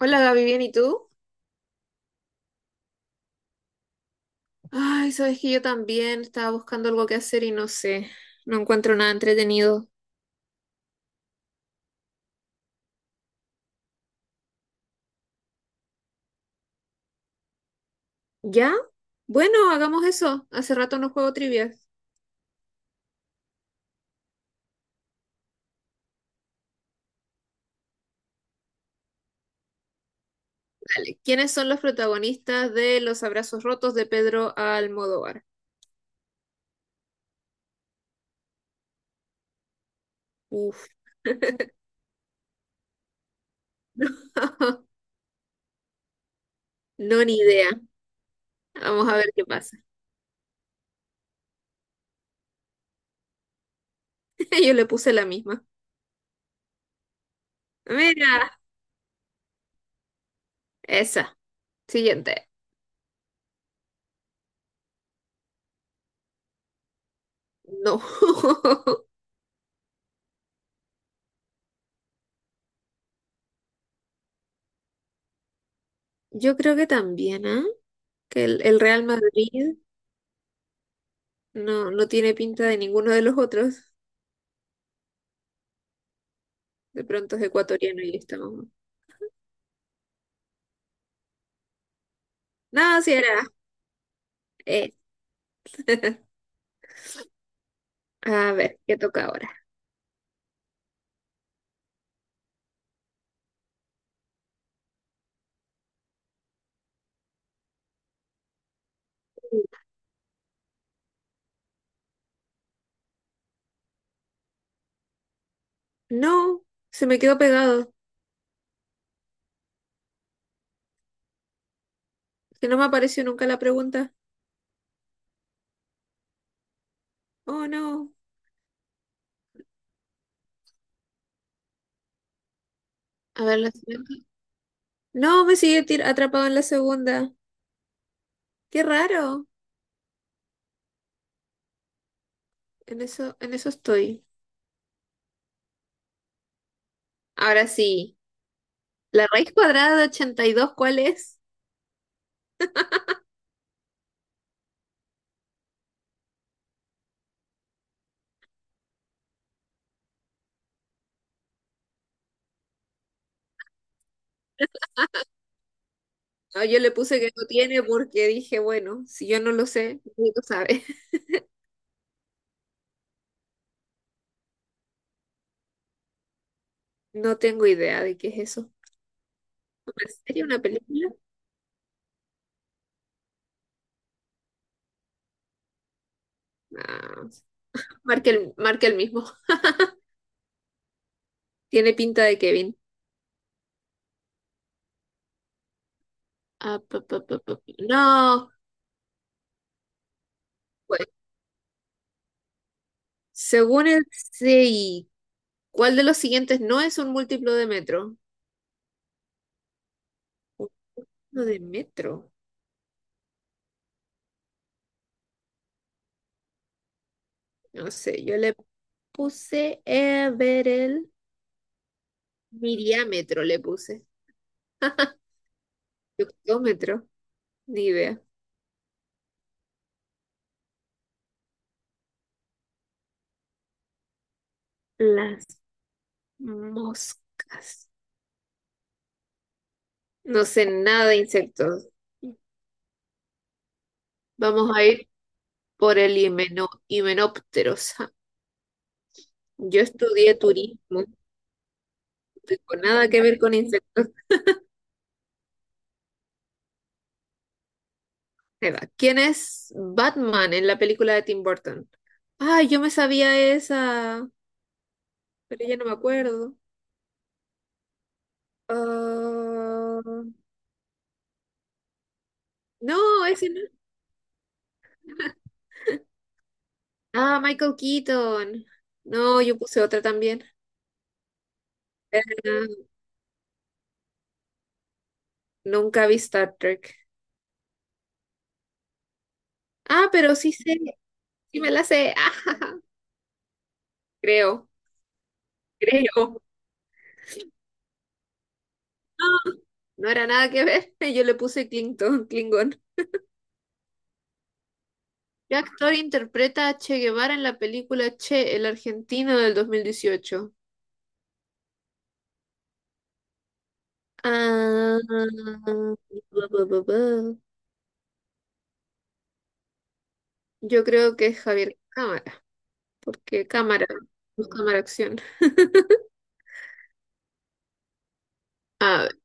Hola Gaby, ¿bien y tú? Ay, sabes que yo también estaba buscando algo que hacer y no sé, no encuentro nada entretenido. ¿Ya? Bueno, hagamos eso. Hace rato no juego trivia. Dale, ¿quiénes son los protagonistas de Los Abrazos Rotos de Pedro Almodóvar? Uf, no, ni idea. Vamos a ver qué pasa. Yo le puse la misma. Mira, esa. Siguiente. No. Yo creo que también, ¿ah? Que el Real Madrid no, no tiene pinta de ninguno de los otros. De pronto es ecuatoriano y estamos. No, si era esto. A ver, ¿qué toca ahora? No, se me quedó pegado. Que no me apareció nunca la pregunta. Oh, no. A ver, la siguiente. No, me sigue tir- atrapado en la segunda. Qué raro. En eso estoy. Ahora sí. ¿La raíz cuadrada de 82 cuál es? No, yo le puse que no tiene porque dije, bueno, si yo no lo sé, nadie lo sabe. No tengo idea de qué es eso. ¿Una serie, una película? No. Marque el mismo. Tiene pinta de Kevin. Ah, pa, pa, pa, pa, pa. No, pues, según el CI, ¿cuál de los siguientes no es un múltiplo de metro? Un múltiplo de metro. No sé, yo le puse a ver el miriámetro, le puse. Octómetro, ni idea. Las moscas. No sé nada de insectos. Vamos a ir por el himenópteros. Ja, yo estudié turismo, no tengo nada que ver con insectos. Se va. ¿Quién es Batman en la película de Tim Burton? Ay, yo me sabía esa, pero ya no me acuerdo. Ah, no, ese no. Ah, Michael Keaton. No, yo puse otra también. Ah, nunca vi Star Trek. Ah, pero sí sé, sí me la sé. Creo, creo. No, no era nada que ver. Yo le puse Clinton, Klingon. ¿Qué actor interpreta a Che Guevara en la película Che, el argentino del 2018? Ah, bu, bu, bu, bu. Yo creo que es Javier Cámara, porque cámara, no cámara acción. A ver,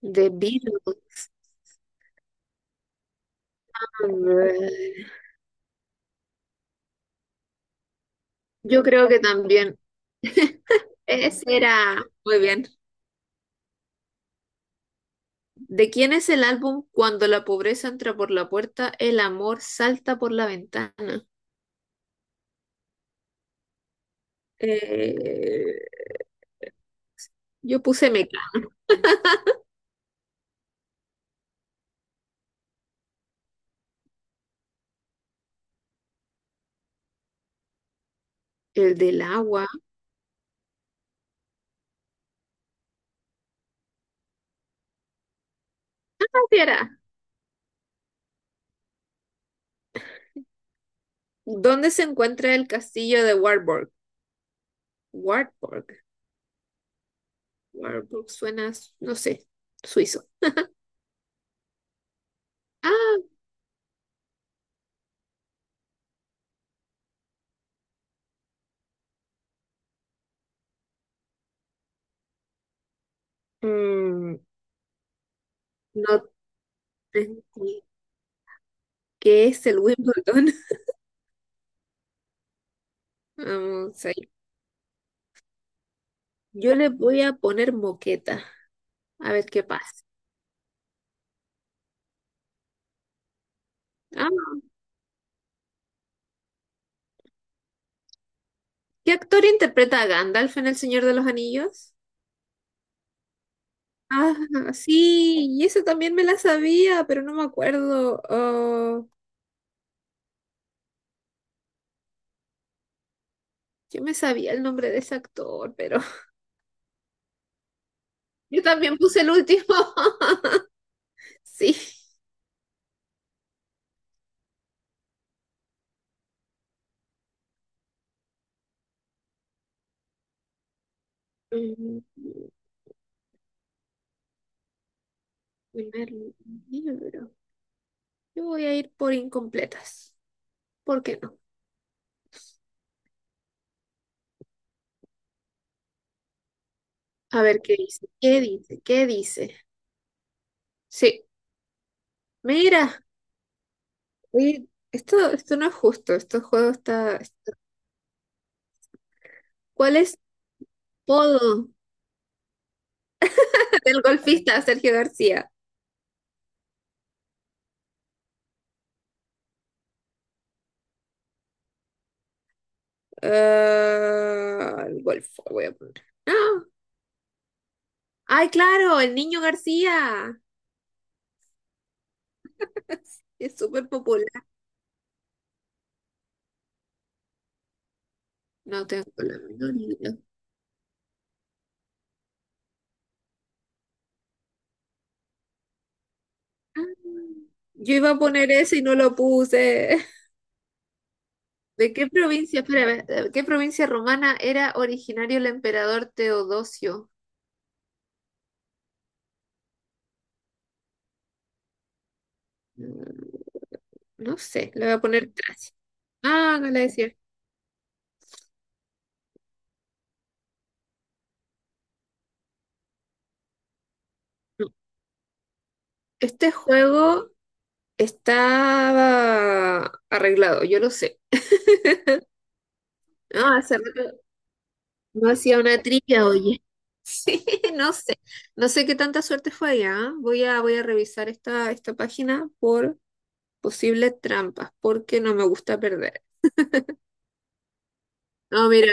de Beatles. A ver, yo creo que también. Ese era. Muy bien. ¿De quién es el álbum Cuando la pobreza entra por la puerta, el amor salta por la ventana? Eh, yo puse Meca. El del agua. ¿Qué era? ¿Dónde se encuentra el castillo de Wartburg? Wartburg. Warburg suena, no sé, suizo. Ah, mm, no tengo ni- ¿Qué es el Wimbledon? Vamos ahí. Yo le voy a poner moqueta, a ver qué pasa. Ah, ¿qué actor interpreta a Gandalf en El Señor de los Anillos? Ah, sí, y eso también me la sabía, pero no me acuerdo. Oh, yo me sabía el nombre de ese actor, pero yo también puse el último. Sí. Mm, primer libro. Yo voy a ir por incompletas. ¿Por qué no? A ver qué dice. ¿Qué dice? ¿Qué dice? Sí. Mira, oye, esto no es justo. Este juego está- ¿Cuál es todo del golfista Sergio García? Ah, el golf, voy a poner. ¡Ah! ¡Ay, claro! El niño García. Es súper popular. No tengo la menor idea. Ah, yo iba a poner eso y no lo puse. ¿De qué provincia, espera, ve- de qué provincia romana era originario el emperador Teodosio? Mm, no sé, le voy a poner Tracia. Ah, Galacia. No. Este juego estaba arreglado, yo lo sé. No, hace rato no hacía una trilla, oye. Sí, no sé. No sé qué tanta suerte fue allá. ¿Ah? Voy a revisar esta página por posibles trampas, porque no me gusta perder. No, mira,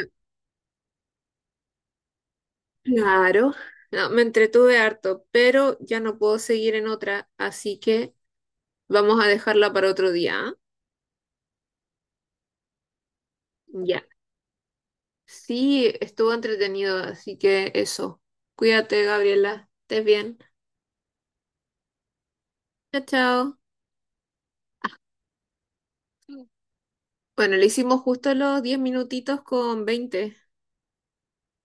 claro, no, me entretuve harto, pero ya no puedo seguir en otra, así que vamos a dejarla para otro día. ¿Ah? Ya. Sí, estuvo entretenido, así que eso. Cuídate, Gabriela. Estés bien. Chao, chao. Bueno, le hicimos justo los 10 minutitos con 20.